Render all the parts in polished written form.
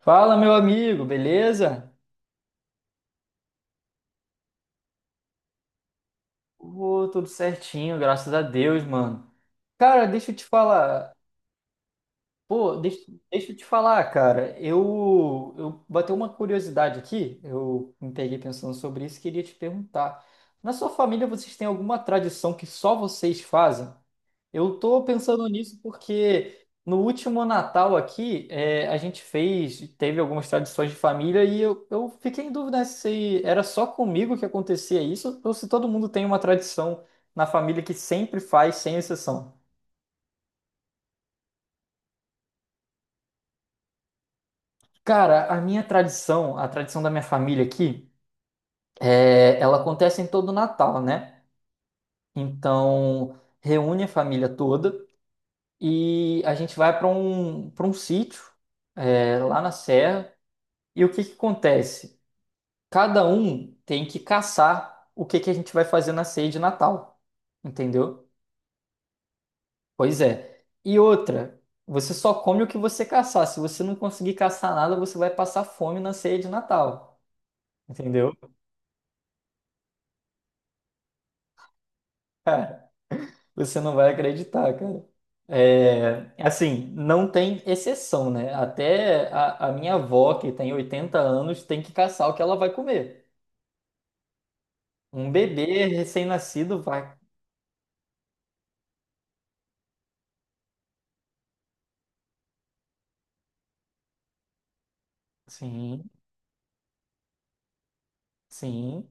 Fala, meu amigo, beleza? Ô, tudo certinho, graças a Deus, mano. Cara, deixa eu te falar. Pô, deixa eu te falar, cara. Eu, bateu uma curiosidade aqui. Eu me peguei pensando sobre isso e queria te perguntar. Na sua família, vocês têm alguma tradição que só vocês fazem? Eu tô pensando nisso porque no último Natal aqui, a gente fez, teve algumas tradições de família e eu fiquei em dúvida se era só comigo que acontecia isso ou se todo mundo tem uma tradição na família que sempre faz, sem exceção. Cara, a minha tradição, a tradição da minha família aqui, ela acontece em todo Natal, né? Então, reúne a família toda e a gente vai para um sítio, lá na Serra. E o que que acontece? Cada um tem que caçar o que que a gente vai fazer na ceia de Natal. Entendeu? Pois é. E outra, você só come o que você caçar. Se você não conseguir caçar nada, você vai passar fome na ceia de Natal. Entendeu? Cara, você não vai acreditar, cara. É, assim, não tem exceção, né? Até a minha avó, que tem 80 anos, tem que caçar o que ela vai comer. Um bebê recém-nascido vai. Sim, sim.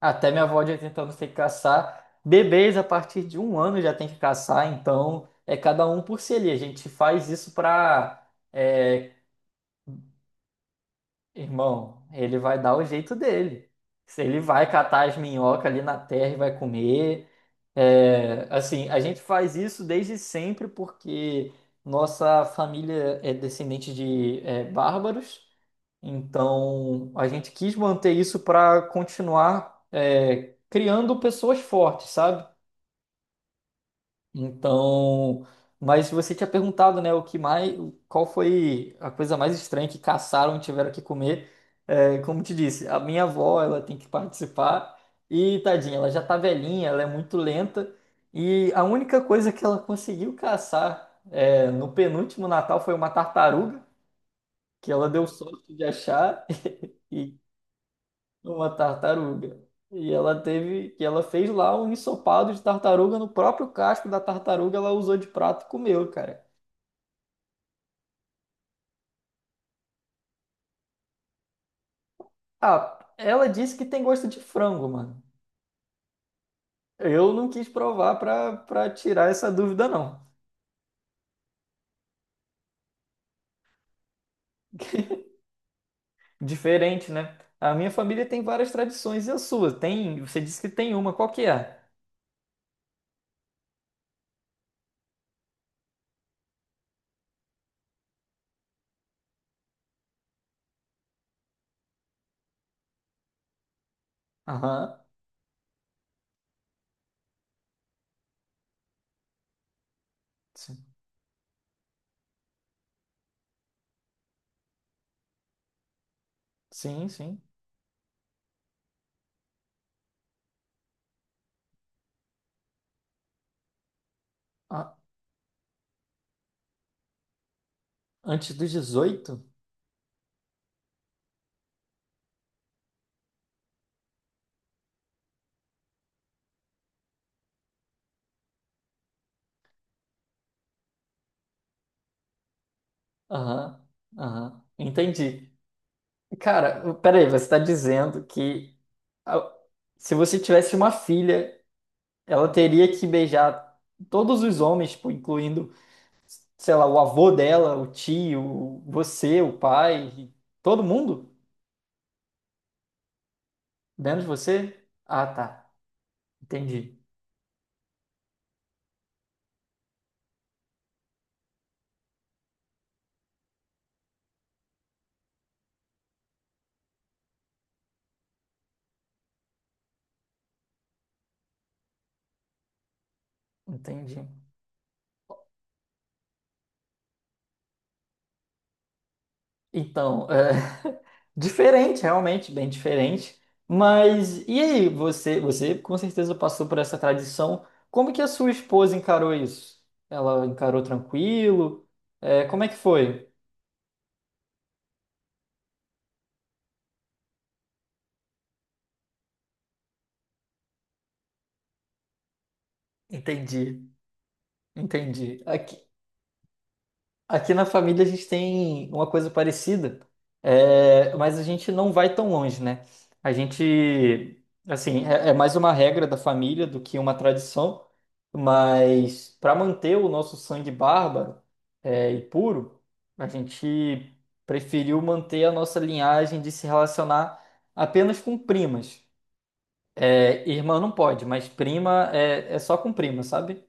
Até minha avó de 80 anos tem que caçar. Bebês a partir de um ano já tem que caçar, então é cada um por si ali. A gente faz isso para. Irmão, ele vai dar o jeito dele. Se ele vai catar as minhocas ali na terra e vai comer. É, assim, a gente faz isso desde sempre porque nossa família é descendente de bárbaros. Então, a gente quis manter isso para continuar criando pessoas fortes, sabe? Então, mas você tinha perguntado, né, o que mais, qual foi a coisa mais estranha que caçaram e tiveram que comer? É, como te disse, a minha avó, ela tem que participar e tadinha, ela já tá velhinha, ela é muito lenta e a única coisa que ela conseguiu caçar no penúltimo Natal foi uma tartaruga que ela deu sorte de achar. E uma tartaruga. E ela teve, que ela fez lá um ensopado de tartaruga no próprio casco da tartaruga, ela usou de prato e comeu, cara. Ah, ela disse que tem gosto de frango, mano. Eu não quis provar pra tirar essa dúvida, não. Diferente, né? A minha família tem várias tradições e a sua? Tem, você disse que tem uma, qual que é? Aham. Sim, sim. Ah, antes dos dezoito. Aham. Aham. Entendi. Cara, peraí, você está dizendo que a- se você tivesse uma filha, ela teria que beijar todos os homens, tipo, incluindo, sei lá, o avô dela, o tio, você, o pai, todo mundo dentro de você? Ah, tá. Entendi. Entendi. Então, diferente, realmente, bem diferente. Mas e aí, você com certeza passou por essa tradição. Como que a sua esposa encarou isso? Ela encarou tranquilo? É, como é que foi? Entendi. Entendi. Aqui, aqui na família a gente tem uma coisa parecida, mas a gente não vai tão longe, né? A gente, assim, é mais uma regra da família do que uma tradição, mas para manter o nosso sangue bárbaro, e puro, a gente preferiu manter a nossa linhagem de se relacionar apenas com primas. É, irmã não pode, mas prima é só com prima, sabe?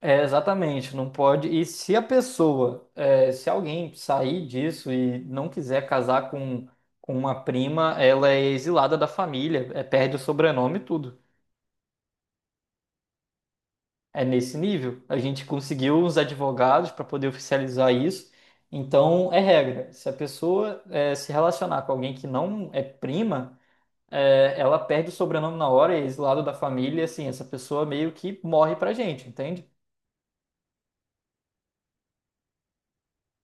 É, exatamente, não pode. E se a pessoa, se alguém sair disso e não quiser casar com uma prima, ela é exilada da família, é, perde o sobrenome e tudo. É nesse nível. A gente conseguiu uns advogados para poder oficializar isso. Então, é regra. Se a pessoa, se relacionar com alguém que não é prima, ela perde o sobrenome na hora, é exilada da família, e assim, essa pessoa meio que morre pra gente, entende?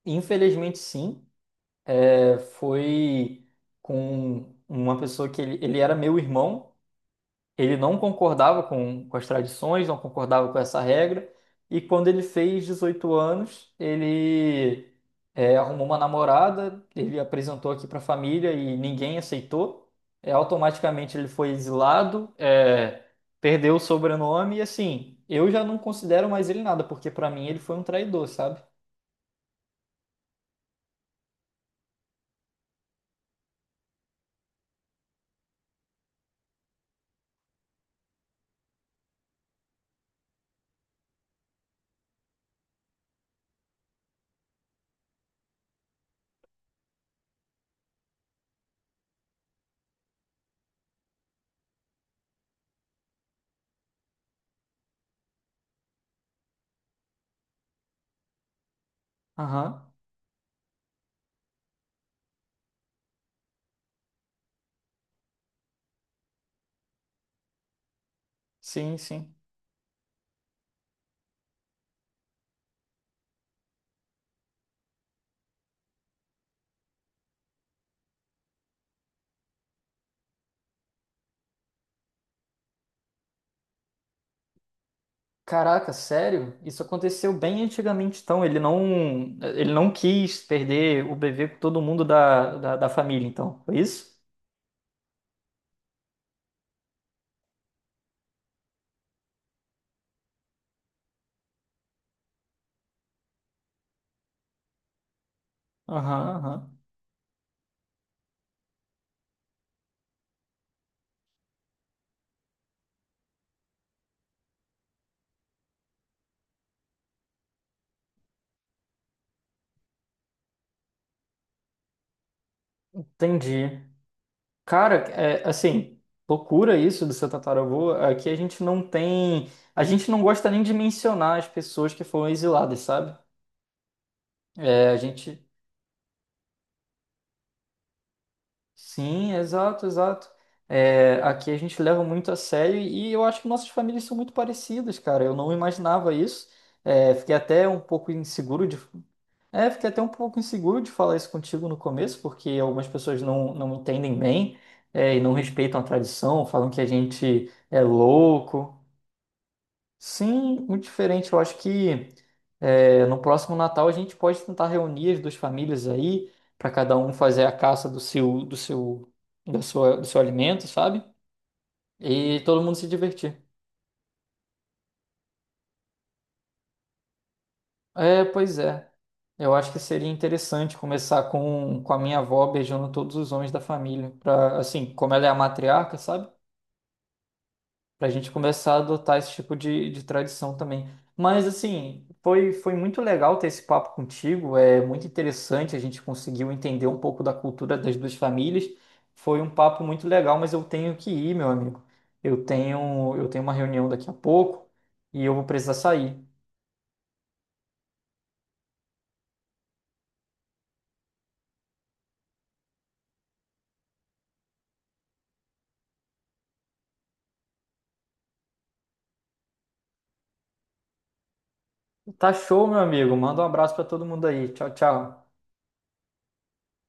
Infelizmente, sim. Foi com uma pessoa que ele era meu irmão, ele não concordava com as tradições, não concordava com essa regra, e quando ele fez 18 anos, ele arrumou uma namorada, ele apresentou aqui para a família e ninguém aceitou, automaticamente ele foi exilado, perdeu o sobrenome, e assim, eu já não considero mais ele nada, porque para mim ele foi um traidor, sabe? Aham, sim, sim. Caraca, sério? Isso aconteceu bem antigamente, então. Ele não quis perder o bebê com todo mundo da família, então. Foi isso? Aham, aham. Entendi. Cara, assim, loucura isso do seu tataravô. Aqui a gente não tem. A gente não gosta nem de mencionar as pessoas que foram exiladas, sabe? É, a gente. Sim, exato, exato. É, aqui a gente leva muito a sério e eu acho que nossas famílias são muito parecidas, cara. Eu não imaginava isso. É, fiquei até um pouco inseguro de. É, fiquei até um pouco inseguro de falar isso contigo no começo, porque algumas pessoas não entendem bem, e não respeitam a tradição, falam que a gente é louco. Sim, muito diferente. Eu acho que no próximo Natal a gente pode tentar reunir as duas famílias aí, para cada um fazer a caça do seu alimento, sabe? E todo mundo se divertir. É, pois é. Eu acho que seria interessante começar com a minha avó beijando todos os homens da família, para assim, como ela é a matriarca, sabe? Pra gente começar a adotar esse tipo de tradição também. Mas assim, foi muito legal ter esse papo contigo, é muito interessante, a gente conseguiu entender um pouco da cultura das duas famílias. Foi um papo muito legal, mas eu tenho que ir, meu amigo. Eu tenho uma reunião daqui a pouco e eu vou precisar sair. Tá show, meu amigo. Manda um abraço pra todo mundo aí. Tchau, tchau.